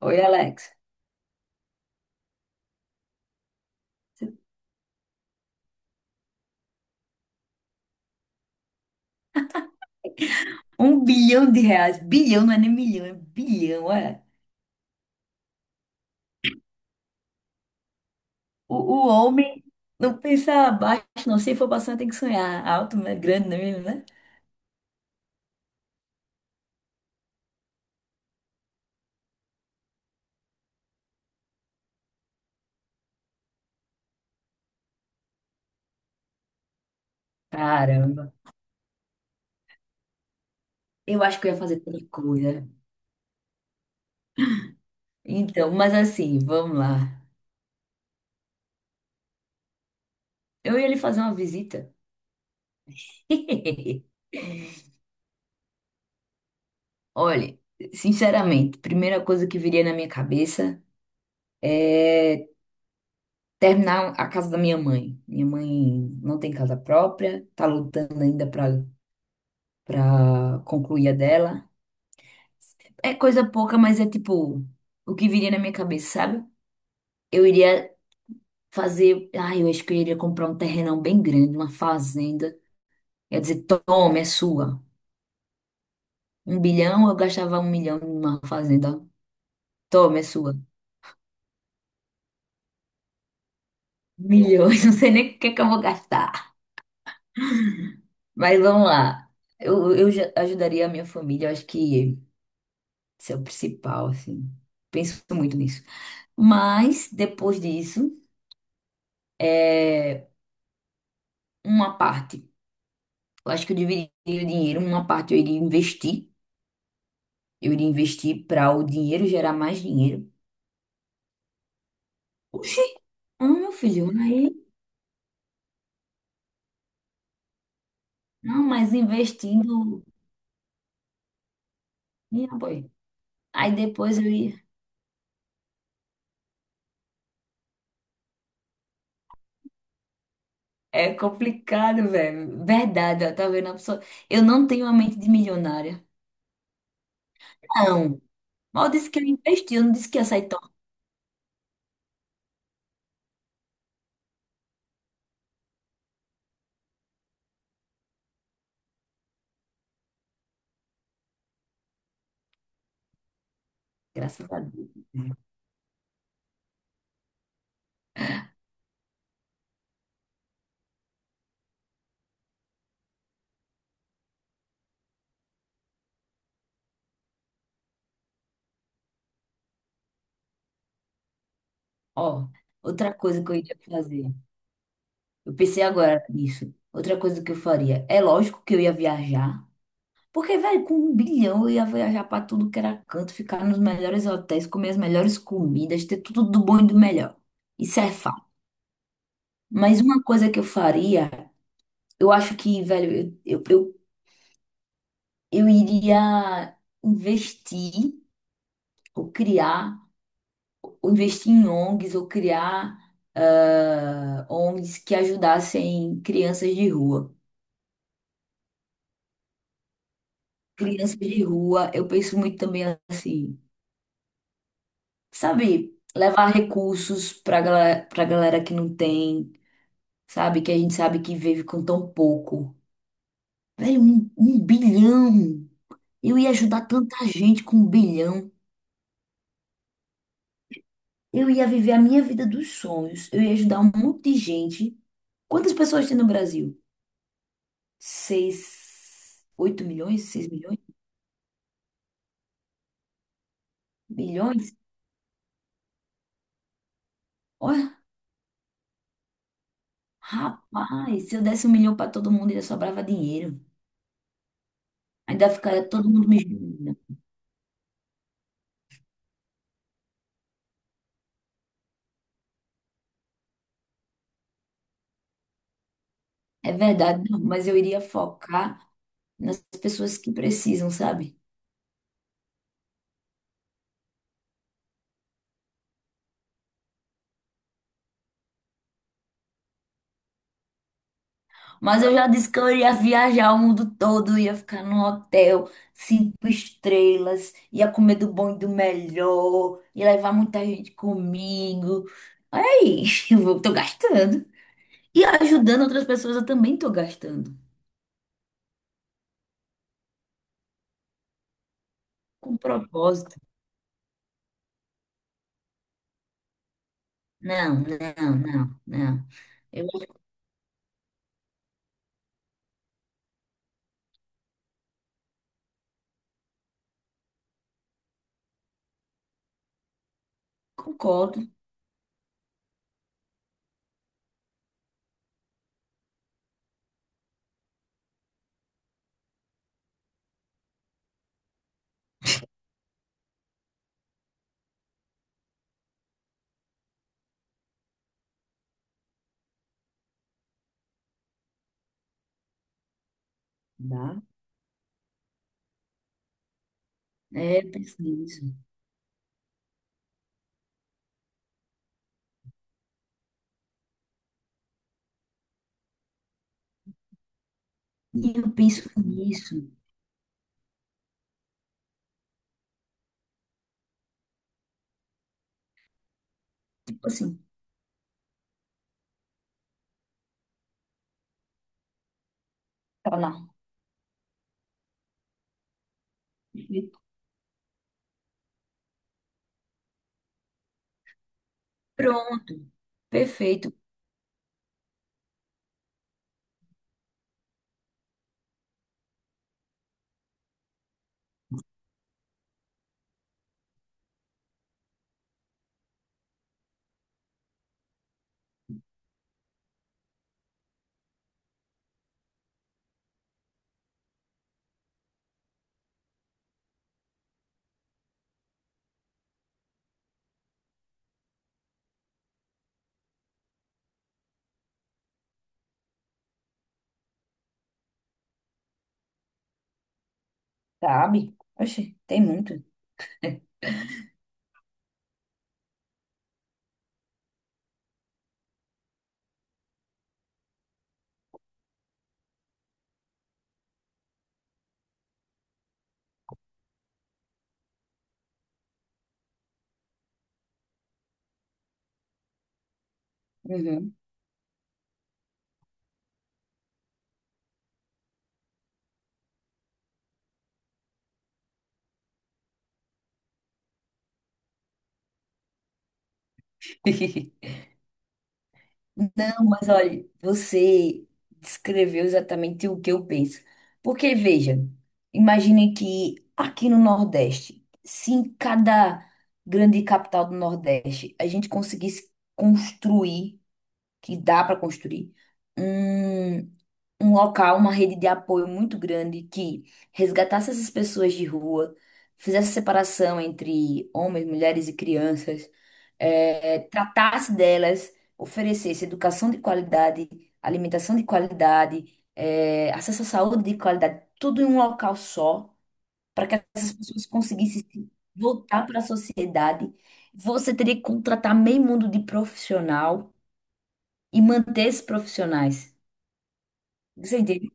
Oi, Alex. Um bilhão de reais. Bilhão não é nem milhão, é bilhão, é. O homem não pensa abaixo, não. Se for pra sonhar, tem que sonhar alto, né? Grande não é mesmo, né? Caramba. Eu acho que eu ia fazer tanta coisa. Então, mas assim, vamos lá. Eu ia lhe fazer uma visita. Olha, sinceramente, primeira coisa que viria na minha cabeça é terminar a casa da minha mãe. Minha mãe não tem casa própria, tá lutando ainda para concluir a dela. É coisa pouca, mas é tipo o que viria na minha cabeça, sabe? Eu iria fazer. Ah, eu acho que eu iria comprar um terrenão bem grande, uma fazenda. Ia dizer, toma, é sua. Um bilhão, eu gastava um milhão numa fazenda. Ó. Toma, é sua. Milhões, não sei nem o que é que eu vou gastar. Mas vamos lá. Eu já ajudaria a minha família, eu acho que isso é o principal, assim. Penso muito nisso. Mas, depois disso, é uma parte. Eu acho que eu dividiria o dinheiro, uma parte eu iria investir. Eu iria investir para o dinheiro gerar mais dinheiro. Oxi, ah, meu filho, aí. Não, mas investindo. Minha boy. Aí depois eu ia. É complicado, velho. Verdade, ó, tá vendo? A pessoa... Eu não tenho uma mente de milionária. Não. Mal disse que eu investi, eu não disse que ia sair tão. Graças a Deus. Ó, outra coisa que eu iria fazer. Eu pensei agora nisso. Outra coisa que eu faria. É lógico que eu ia viajar. Porque, velho, com um bilhão eu ia viajar pra tudo que era canto, ficar nos melhores hotéis, comer as melhores comidas, ter tudo do bom e do melhor. Isso é fato. Mas uma coisa que eu faria, eu acho que, velho, eu iria investir ou criar, ou investir em ONGs, ou criar ONGs que ajudassem crianças de rua. Crianças de rua, eu penso muito também assim, sabe? Levar recursos pra galera que não tem sabe? Que a gente sabe que vive com tão pouco. Velho, um bilhão! Eu ia ajudar tanta gente com um bilhão. Eu ia viver a minha vida dos sonhos. Eu ia ajudar um monte de gente. Quantas pessoas tem no Brasil? Seis, oito milhões? Seis milhões? Milhões? Olha, rapaz, se eu desse um milhão para todo mundo, ainda sobrava dinheiro. Ainda ficaria todo mundo me julgando. É verdade, não, mas eu iria focar nas pessoas que precisam, sabe? Mas eu já disse que eu iria viajar o mundo todo, ia ficar num hotel cinco estrelas, ia comer do bom e do melhor, ia levar muita gente comigo. Olha aí, tô gastando. E ajudando outras pessoas, eu também tô gastando. Com propósito. Não, não, não, não. Eu concordo, dá. É, eu penso nisso. E eu penso nisso. Tipo assim, tá lá. Pronto. Perfeito. Sabe? Oxe, tem muito. Uhum. Não, mas olha, você descreveu exatamente o que eu penso. Porque, veja, imagine que aqui no Nordeste, se em cada grande capital do Nordeste a gente conseguisse construir, que dá para construir, um um local, uma rede de apoio muito grande que resgatasse essas pessoas de rua, fizesse separação entre homens, mulheres e crianças, tratasse delas, oferecesse educação de qualidade, alimentação de qualidade, acesso à saúde de qualidade, tudo em um local só, para que essas pessoas conseguissem se voltar para a sociedade. Você teria que contratar meio mundo de profissional e manter esses profissionais. Você entende?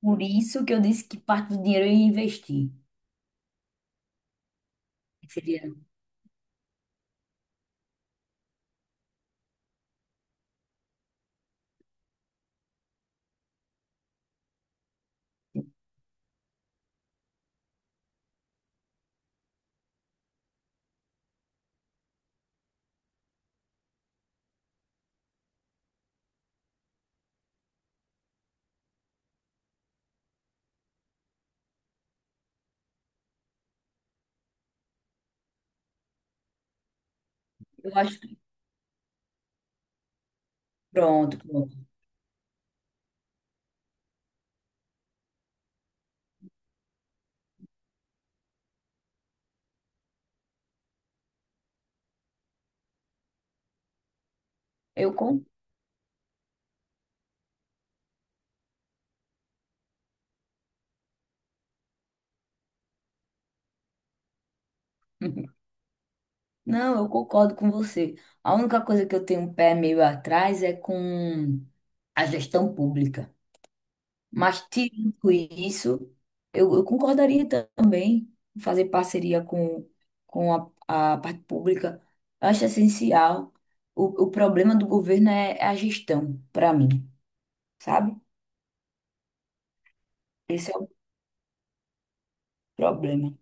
Por isso que eu disse que parte do dinheiro eu ia investir. Esse dinheiro. Eu acho que. Pronto, pronto. Eu con... Não, eu concordo com você. A única coisa que eu tenho um pé meio atrás é com a gestão pública. Mas, tirando isso, eu concordaria também em fazer parceria com a parte pública. Eu acho essencial. O problema do governo é a gestão, para mim, sabe? Esse é o problema.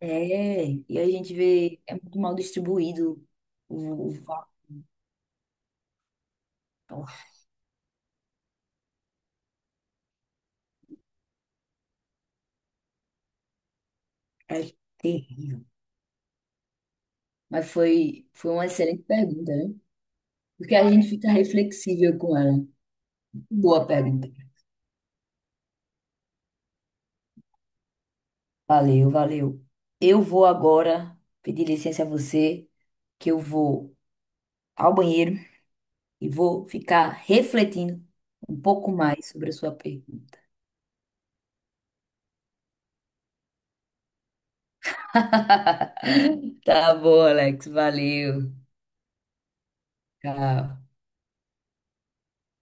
É, e a gente vê, é muito mal distribuído o valor. É terrível. Mas foi uma excelente pergunta, né? Porque a gente fica reflexível com ela. Boa pergunta. Valeu, valeu. Eu vou agora pedir licença a você, que eu vou ao banheiro e vou ficar refletindo um pouco mais sobre a sua pergunta. Tá bom, Alex. Valeu. Tchau.